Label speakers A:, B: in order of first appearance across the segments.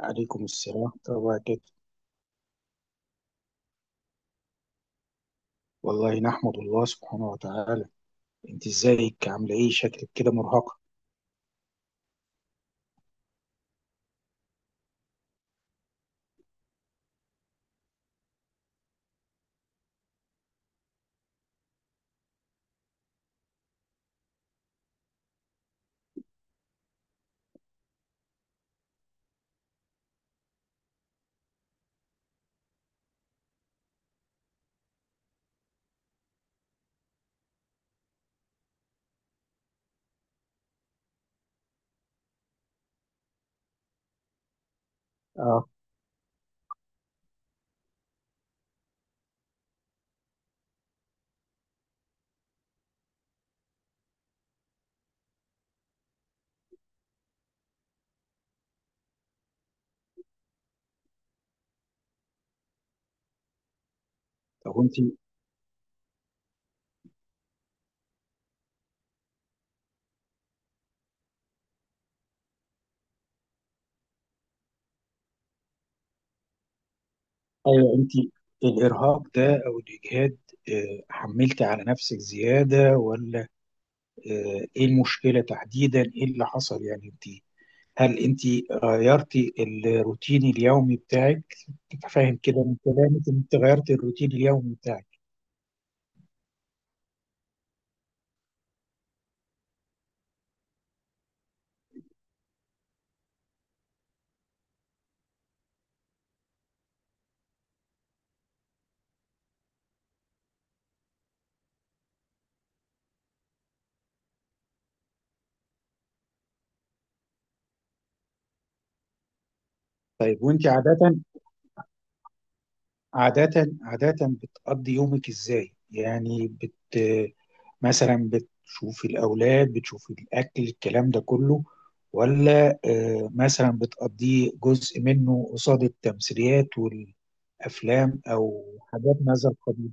A: عليكم السلام، طبعا كده. والله نحمد الله سبحانه وتعالى. انت ازيك؟ عامله ايه؟ شكلك كده مرهقه. اه. طب انت ايوه انت الارهاق ده او الاجهاد. حملت على نفسك زياده، ولا ايه المشكله تحديدا؟ ايه اللي حصل؟ يعني انت، هل انت غيرتي الروتين اليومي بتاعك؟ فاهم كده من كلامك انت غيرت الروتين اليومي بتاعك. طيب وانت عاده عادة عادة بتقضي يومك ازاي؟ يعني بت مثلا بتشوفي الأولاد، بتشوفي الأكل، الكلام ده كله، ولا مثلا بتقضيه جزء منه قصاد التمثيليات والأفلام أو حاجات من هذا القبيل؟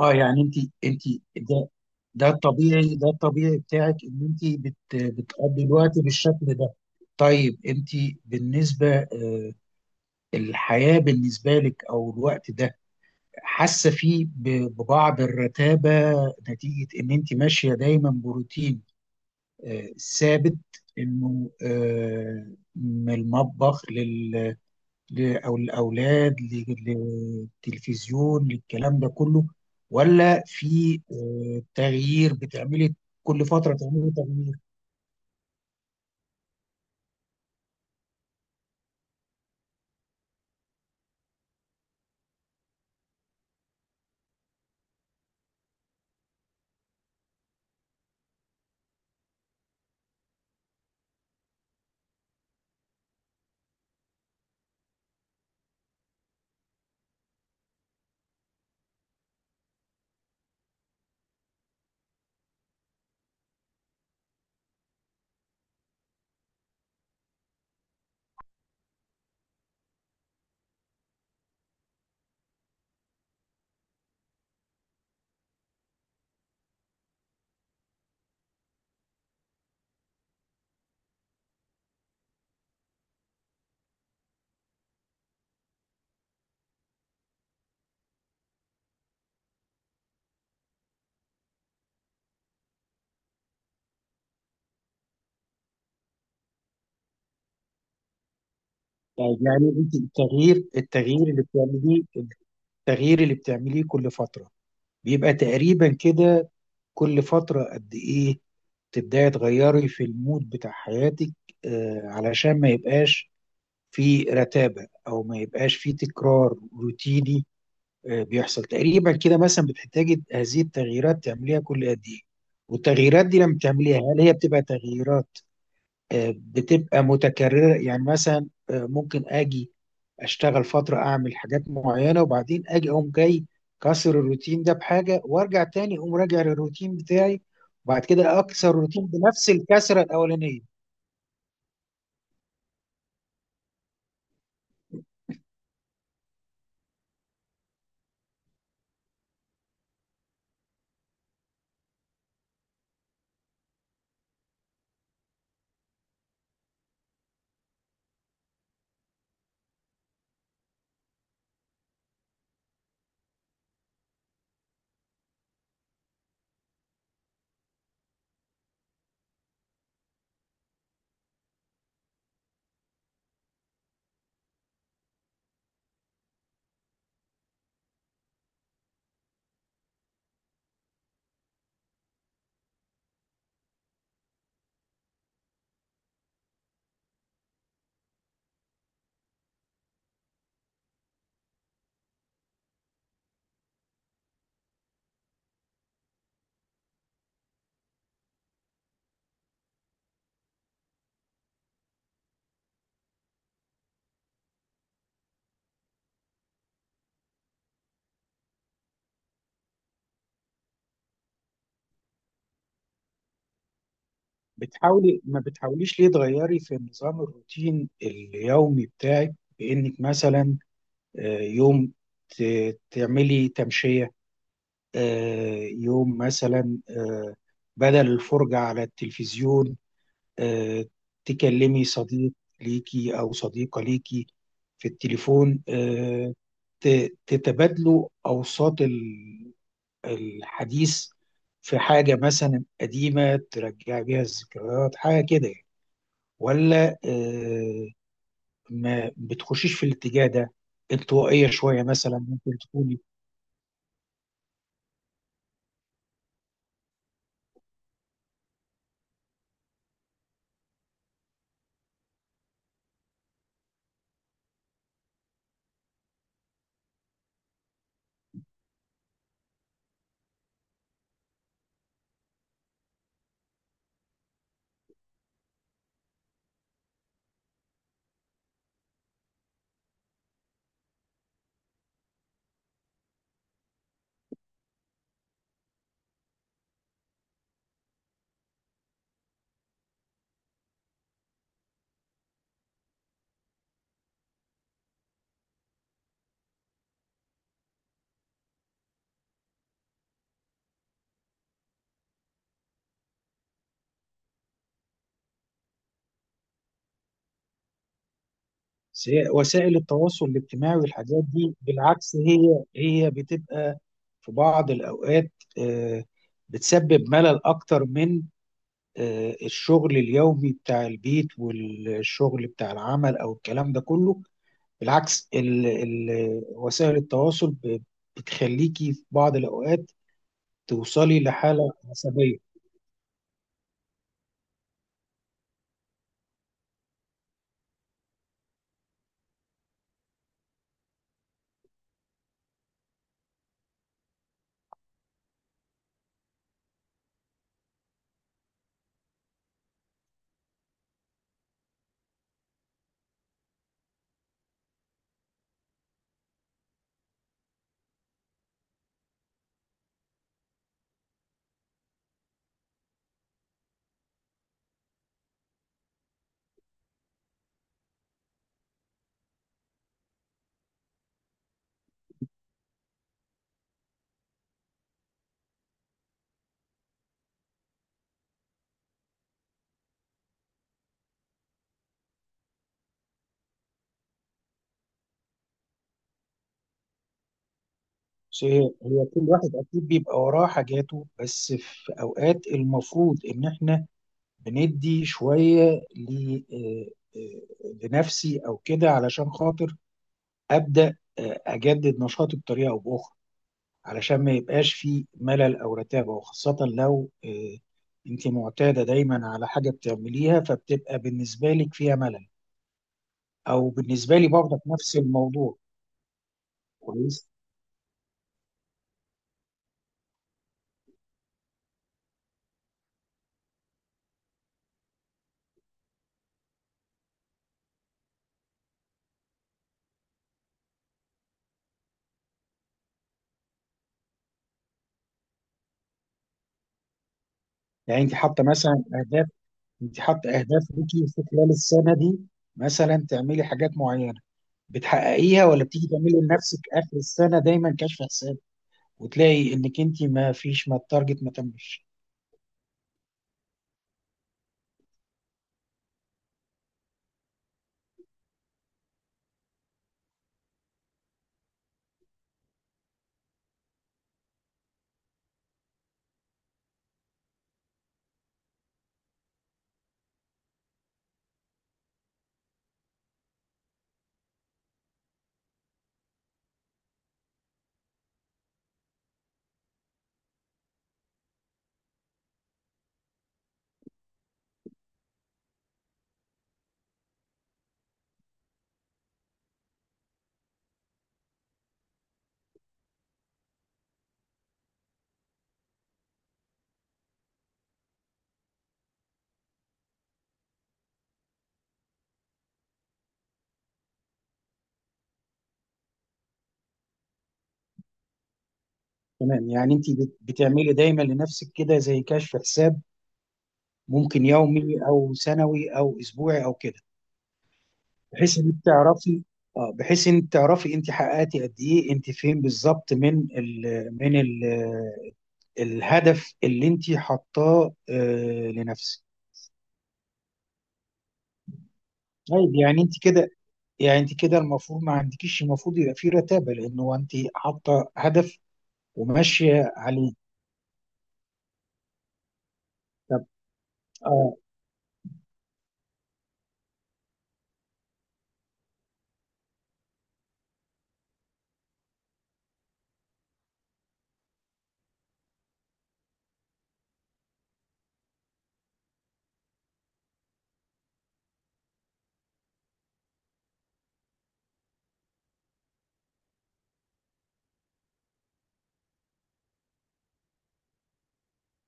A: اه. يعني انت، ده ده الطبيعي، ده الطبيعي بتاعك ان انت بتقضي الوقت بالشكل ده. طيب انت بالنسبة الحياة بالنسبة لك أو الوقت ده، حاسه فيه ببعض الرتابه، نتيجه ان انت ماشيه دايما بروتين آه، ثابت، انه آه، من المطبخ او الاولاد، للتلفزيون، للكلام ده كله، ولا في تغيير بتعملي؟ كل فتره تعملي تغيير؟ طيب يعني انت التغيير اللي بتعمليه، التغيير اللي بتعمليه كل فتره بيبقى تقريبا كده؟ كل فتره قد ايه تبداي تغيري في المود بتاع حياتك علشان ما يبقاش في رتابة أو ما يبقاش في تكرار روتيني؟ بيحصل تقريبا كده؟ مثلا بتحتاجي هذه التغييرات تعمليها كل قد إيه؟ والتغييرات دي لما تعمليها هل هي بتبقى تغييرات بتبقى متكررة؟ يعني مثلا ممكن أجي اشتغل فتره، اعمل حاجات معينه، وبعدين اجي اقوم جاي كسر الروتين ده بحاجه، وارجع تاني اقوم راجع للروتين بتاعي، وبعد كده اكسر الروتين بنفس الكسره الاولانيه. بتحاولي، ما بتحاوليش ليه تغيري في نظام الروتين اليومي بتاعك، بانك مثلا يوم تعملي تمشيه، يوم مثلا بدل الفرجه على التلفزيون، آه، تكلمي صديق ليكي أو صديقة ليكي في التليفون، تتبادلوا أوساط الحديث في حاجة مثلا قديمة ترجع بيها الذكريات، حاجة كده يعني. ولا ما بتخشيش في الاتجاه ده؟ انطوائية شوية مثلا ممكن تكوني؟ وسائل التواصل الاجتماعي والحاجات دي بالعكس، هي بتبقى في بعض الأوقات آه، بتسبب ملل أكتر من الشغل اليومي بتاع البيت والشغل بتاع العمل أو الكلام ده كله. بالعكس، ال وسائل التواصل بتخليكي في بعض الأوقات توصلي لحالة عصبية. بس هي كل واحد أكيد بيبقى وراه حاجاته، بس في أوقات المفروض إن إحنا بندي شويه لنفسي او كده، علشان خاطر ابدا اجدد نشاطي بطريقه او باخرى، علشان ما يبقاش في ملل او رتابه، وخاصه لو انت معتاده دايما على حاجه بتعمليها فبتبقى بالنسبه لك فيها ملل، او بالنسبه لي برضك نفس الموضوع. كويس. يعني انت حاطه مثلا اهداف؟ انت حاطه اهداف ليكي في خلال السنه دي، مثلا تعملي حاجات معينه بتحققيها، ولا بتيجي تعملي لنفسك اخر السنه دايما كشف حساب وتلاقي انك انت ما فيش، ما التارجت ما تمش؟ تمام. يعني انت بتعملي دايما لنفسك كده زي كشف حساب، ممكن يومي او سنوي او اسبوعي او كده، بحيث ان انت تعرفي. اه، بحيث ان تعرفي انت حققتي قد ايه، انت فين بالظبط من ال من ال الهدف اللي انت حاطاه لنفسك. طيب يعني انت كده المفروض ما عندكيش، المفروض يبقى في رتابه لان هو انت حاطه هدف وماشيه عليه. طب اه.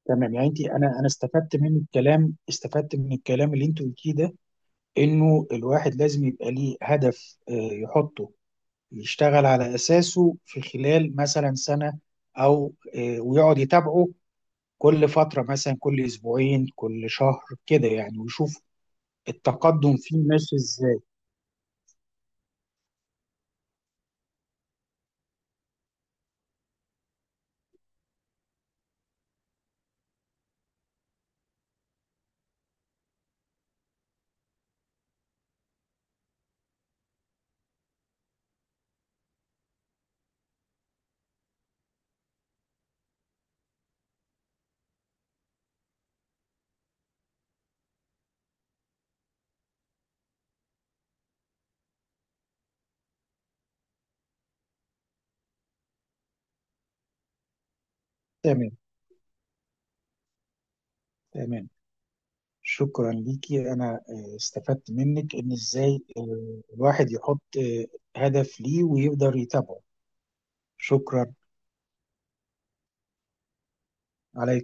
A: تمام. يعني انا انا استفدت من الكلام، استفدت من الكلام اللي انت قلتيه ده، انه الواحد لازم يبقى ليه هدف يحطه، يشتغل على اساسه في خلال مثلا سنه او ويقعد يتابعه كل فتره، مثلا كل اسبوعين كل شهر كده يعني، ويشوف التقدم فيه ماشي ازاي. تمام، تمام. شكرا ليكي. انا استفدت منك ان ازاي الواحد يحط هدف ليه ويقدر يتابعه. شكرا. عليكم.